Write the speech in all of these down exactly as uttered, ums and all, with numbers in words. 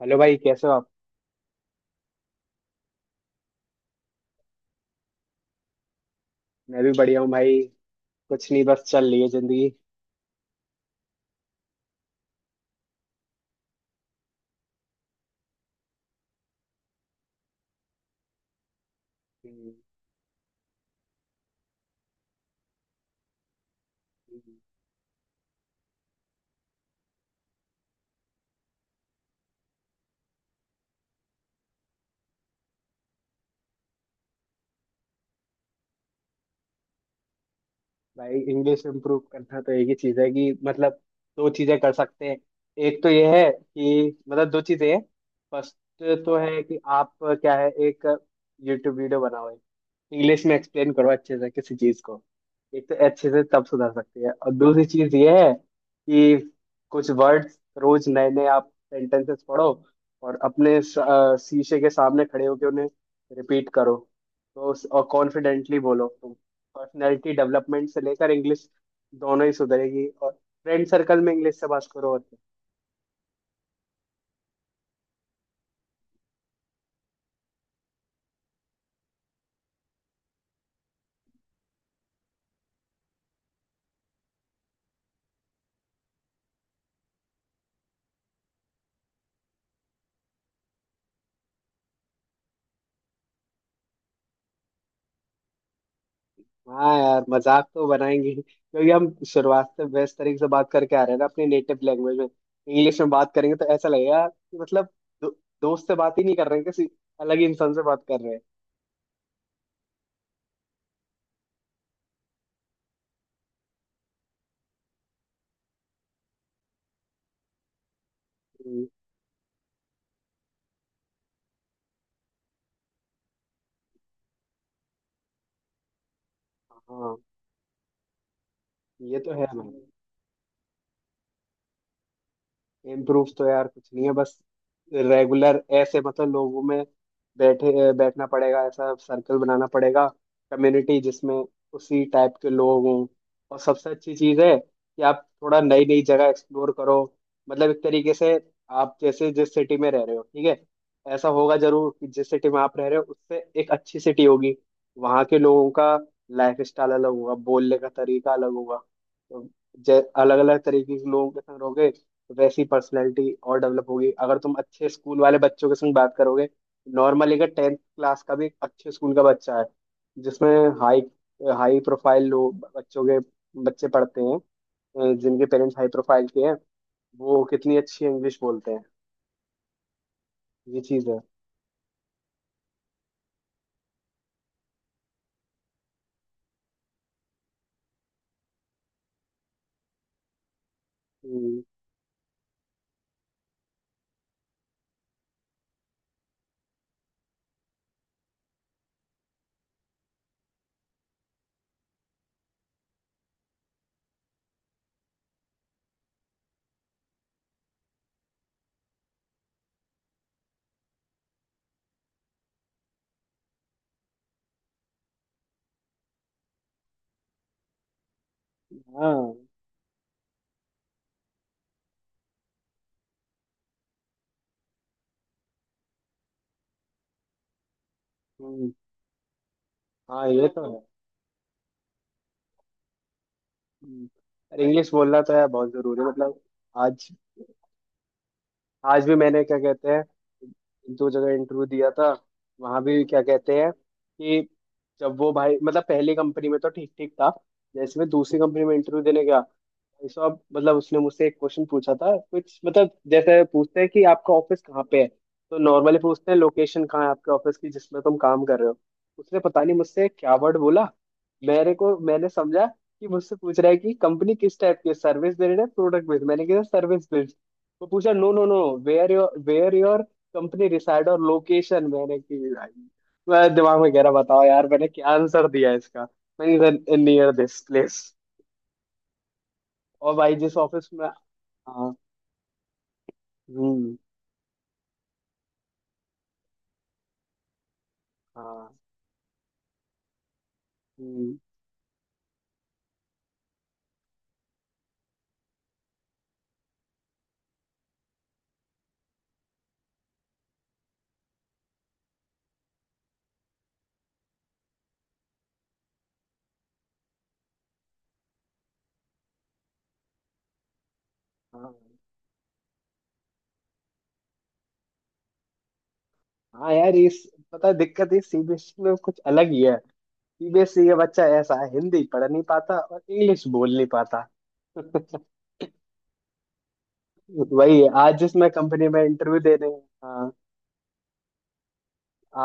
Hello भाई, कैसे हो आप? मैं भी बढ़िया हूँ भाई। कुछ नहीं, बस चल रही है जिंदगी। हम्म। हम्म। भाई, इंग्लिश इम्प्रूव करना तो एक ही चीज है कि मतलब दो चीजें कर सकते हैं। एक तो यह है कि मतलब दो चीजें हैं। फर्स्ट तो है कि आप क्या है, एक यूट्यूब वीडियो बनाओ। इंग्लिश में एक्सप्लेन करो अच्छे से किसी चीज को। एक तो अच्छे से तब सुधर सकती है, और दूसरी चीज ये है कि कुछ वर्ड्स रोज नए नए आप सेंटेंसेस पढ़ो, और अपने स- अ, शीशे के सामने खड़े होकर उन्हें रिपीट करो। तो उस- और कॉन्फिडेंटली बोलो। पर्सनैलिटी डेवलपमेंट से लेकर इंग्लिश, दोनों ही सुधरेगी। और फ्रेंड सर्कल में इंग्लिश से बात करो, और क्या? हाँ यार, मजाक तो बनाएंगे ही, क्योंकि हम शुरुआत से बेस्ट तरीके से बात करके आ रहे हैं ना अपनी नेटिव लैंग्वेज में। इंग्लिश में बात करेंगे तो ऐसा लगेगा यार कि मतलब दो, दोस्त से बात ही नहीं कर रहे हैं, किसी अलग ही इंसान से बात कर रहे हैं। हम्म। हाँ ये तो है मैम। इम्प्रूव तो यार कुछ नहीं है, बस रेगुलर ऐसे मतलब लोगों में बैठे बैठना पड़ेगा, ऐसा सर्कल बनाना पड़ेगा, कम्युनिटी जिसमें उसी टाइप के लोग हों। और सबसे अच्छी चीज़ है कि आप थोड़ा नई नई जगह एक्सप्लोर करो। मतलब एक तरीके से आप जैसे जिस सिटी में रह रहे हो, ठीक है, ऐसा होगा जरूर कि जिस सिटी में आप रह रहे हो उससे एक अच्छी सिटी होगी। वहाँ के लोगों का लाइफ स्टाइल अलग होगा, बोलने का तरीका अलग होगा। तो अलग अलग तरीके के लोगों के संग रहोगे, वैसी पर्सनैलिटी और डेवलप होगी। अगर तुम अच्छे स्कूल वाले बच्चों के संग बात करोगे, नॉर्मली अगर टेंथ क्लास का भी एक अच्छे स्कूल का बच्चा है जिसमें हाई हाई प्रोफाइल लोग, बच्चों के बच्चे पढ़ते हैं, अ, जिनके पेरेंट्स हाई प्रोफाइल के हैं, वो कितनी अच्छी इंग्लिश बोलते हैं। ये चीज है। हम्म, हाँ। हम्म, हाँ ये तो है। हम्म, और इंग्लिश बोलना तो है, बहुत जरूरी है मतलब। आज आज भी मैंने क्या कहते हैं, एक दो जगह इंटरव्यू दिया था। वहां भी क्या कहते हैं कि जब वो, भाई मतलब पहली कंपनी में तो ठीक ठीक था। जैसे मैं दूसरी कंपनी में इंटरव्यू देने गया भाई साहब, मतलब उसने मुझसे एक क्वेश्चन पूछा था, कुछ मतलब जैसे पूछते हैं कि आपका ऑफिस कहाँ पे है। तो नॉर्मली पूछते हैं, लोकेशन कहाँ है आपके ऑफिस की, जिसमें तुम काम कर रहे हो। उसने पता नहीं मुझसे क्या वर्ड बोला, मेरे को मैंने समझा कि मुझसे पूछ रहा है कि कंपनी किस टाइप की सर्विस दे रही है, प्रोडक्ट बेस्ड। मैंने कहा सर्विस। वो पूछा, no no no, where your where your company reside और लोकेशन। मैंने कि भाई, मैं दिमाग में कह रहा, बताओ यार मैंने क्या आंसर दिया इसका। मैंने, नियर दिस प्लेस। और भाई जिस ऑफिस में। हाँ। हम्म। हाँ। हम्म। हाँ। हाँ यार इस, पता है दिक्कत है, सीबीएसई में कुछ अलग ही है। सीबीएसई का बच्चा ऐसा है, हिंदी पढ़ नहीं पाता और इंग्लिश बोल नहीं पाता। वही है, आज जिस मैं कंपनी में इंटरव्यू दे रहे हैं।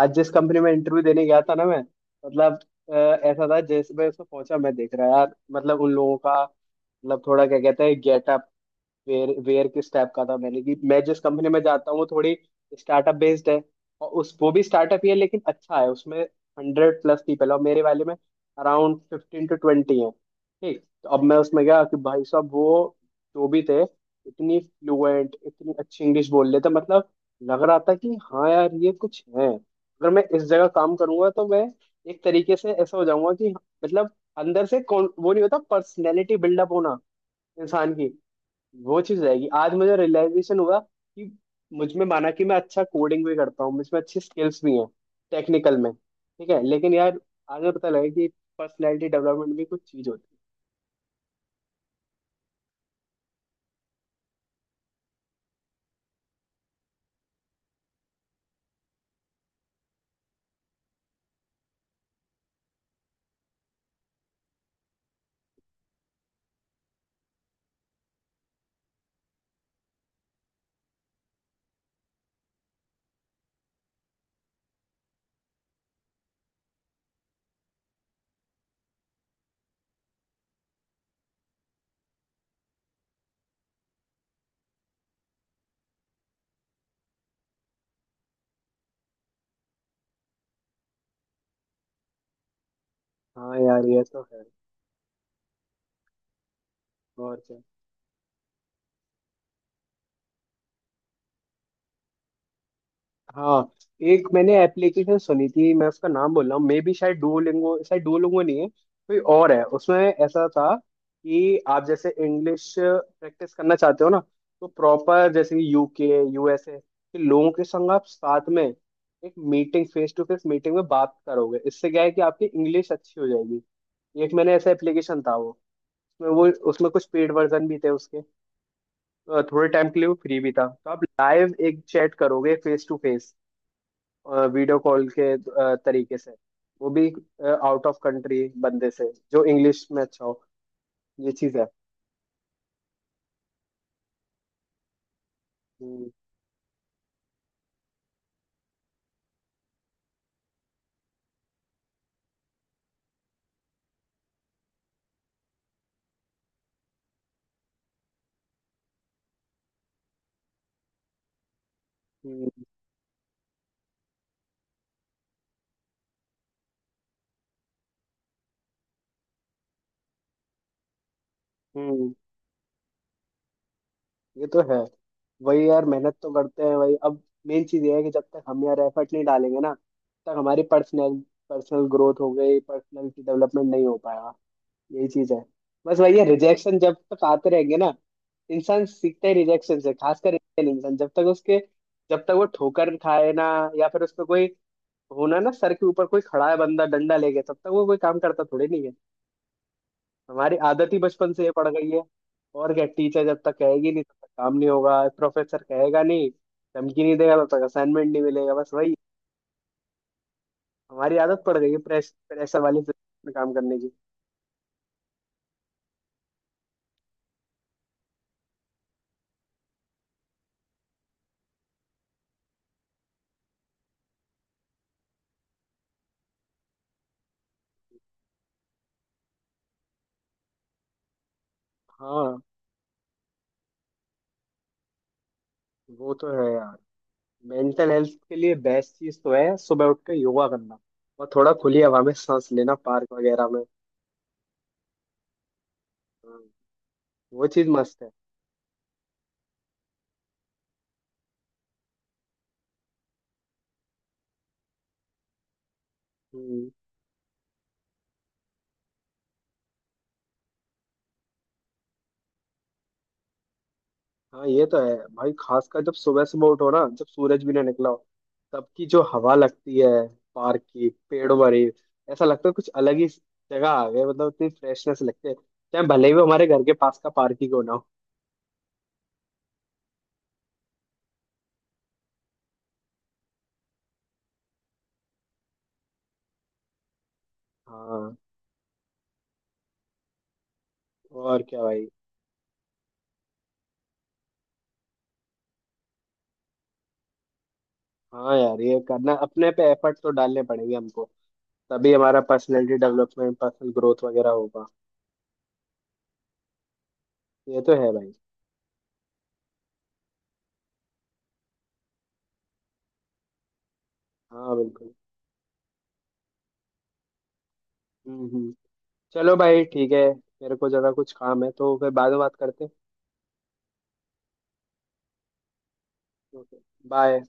आज जिस कंपनी में इंटरव्यू देने गया था ना मैं, मतलब अ, ऐसा था, जैसे मैं उसको पहुंचा, मैं देख रहा यार, मतलब उन लोगों का मतलब थोड़ा क्या कहते हैं, गेटअप, वेयर वेयर किस टाइप का था। मैंने कि मैं जिस कंपनी में जाता हूँ वो थोड़ी स्टार्टअप बेस्ड है। और उस, वो भी स्टार्टअप ही है लेकिन अच्छा है, उसमें हंड्रेड प्लस पीपल, और मेरे वाले में अराउंड फिफ्टीन टू ट्वेंटी हैं, ठीक। तो अब मैं उसमें गया कि भाई साहब, वो जो भी थे इतनी फ्लुएंट, इतनी अच्छी इंग्लिश बोल रहे थे, मतलब लग रहा था कि हाँ यार ये कुछ है। अगर मैं इस जगह काम करूंगा तो मैं एक तरीके से ऐसा हो जाऊंगा कि मतलब, अंदर से कौन वो नहीं होता, पर्सनैलिटी बिल्डअप होना इंसान की, वो चीज रहेगी। आज मुझे रियलाइजेशन हुआ कि मुझ में, माना कि मैं अच्छा कोडिंग भी करता हूँ, मुझ में अच्छी स्किल्स भी हैं टेक्निकल में, ठीक है, लेकिन यार आज मुझे पता लगा कि पर्सनैलिटी डेवलपमेंट भी कुछ चीज होती है। हाँ यार ये तो है, और क्या। हाँ, एक मैंने एप्लीकेशन सुनी थी, मैं उसका नाम बोल रहा हूँ, मे बी शायद डुओलिंगो, शायद डुओलिंगो नहीं है, कोई और है। उसमें ऐसा था कि आप जैसे इंग्लिश प्रैक्टिस करना चाहते हो ना, तो प्रॉपर जैसे कि यूके, यूएसए के लोगों के संग आप साथ में एक meeting, face to face meeting में बात करोगे। इससे क्या है कि आपकी इंग्लिश अच्छी हो जाएगी। एक मैंने ऐसा एप्लीकेशन था, वो उसमें, वो उसमें कुछ पेड वर्जन भी थे उसके, अ, थोड़े टाइम के लिए वो फ्री भी था। तो आप लाइव एक चैट करोगे, face to face video call के अ, तरीके से, वो भी आउट ऑफ कंट्री बंदे से जो इंग्लिश में अच्छा हो। ये चीज है। हम्म हम्म। हम्म, ये तो है। वही यार, मेहनत तो करते हैं भाई, अब मेन चीज ये है कि जब तक हम यार एफर्ट नहीं डालेंगे ना, तब तक हमारी पर्सनल पर्सनल ग्रोथ हो गई, पर्सनल डेवलपमेंट नहीं हो पाएगा। यही चीज है। बस वही है, रिजेक्शन जब तक आते रहेंगे ना, इंसान सीखता है रिजेक्शन से, खासकर इंडियन इंसान। जब तक उसके, जब तक वो ठोकर खाए ना, या फिर उस पर कोई, होना है ना सर के ऊपर कोई खड़ा है बंदा डंडा ले गया, तब तक वो कोई काम करता थोड़ी नहीं है। हमारी आदत ही बचपन से ये पड़ गई है, और क्या। टीचर जब तक कहेगी नहीं तब तक काम नहीं होगा, प्रोफेसर कहेगा नहीं, धमकी नहीं देगा तब तक असाइनमेंट नहीं मिलेगा। बस वही हमारी आदत पड़ गई है, प्रेस प्रेशर वाली system में काम करने की। हाँ, वो तो है यार। मेंटल हेल्थ के लिए बेस्ट चीज तो है सुबह उठ के योगा करना, और थोड़ा खुली हवा में सांस लेना, पार्क वगैरह में। हाँ, वो चीज मस्त है। हम्म, हाँ ये तो है भाई, खासकर जब सुबह सुबह उठो ना, जब सूरज भी ना निकला हो, तब की जो हवा लगती है पार्क की, पेड़ों वाली। ऐसा लगता है कुछ अलग ही जगह आ गए, मतलब इतनी फ्रेशनेस लगती है, चाहे भले ही वो हमारे घर के पास का पार्क ही क्यों ना हो। हाँ, और क्या भाई। हाँ यार, ये करना, अपने पे एफर्ट तो डालने पड़ेंगे हमको, तभी हमारा पर्सनैलिटी डेवलपमेंट, पर्सनल ग्रोथ वगैरह होगा। ये तो है भाई। हाँ बिल्कुल। हम्म हम्म। चलो भाई, ठीक है, मेरे को जरा कुछ काम है, तो फिर बाद में बात करते हैं। Okay, bye.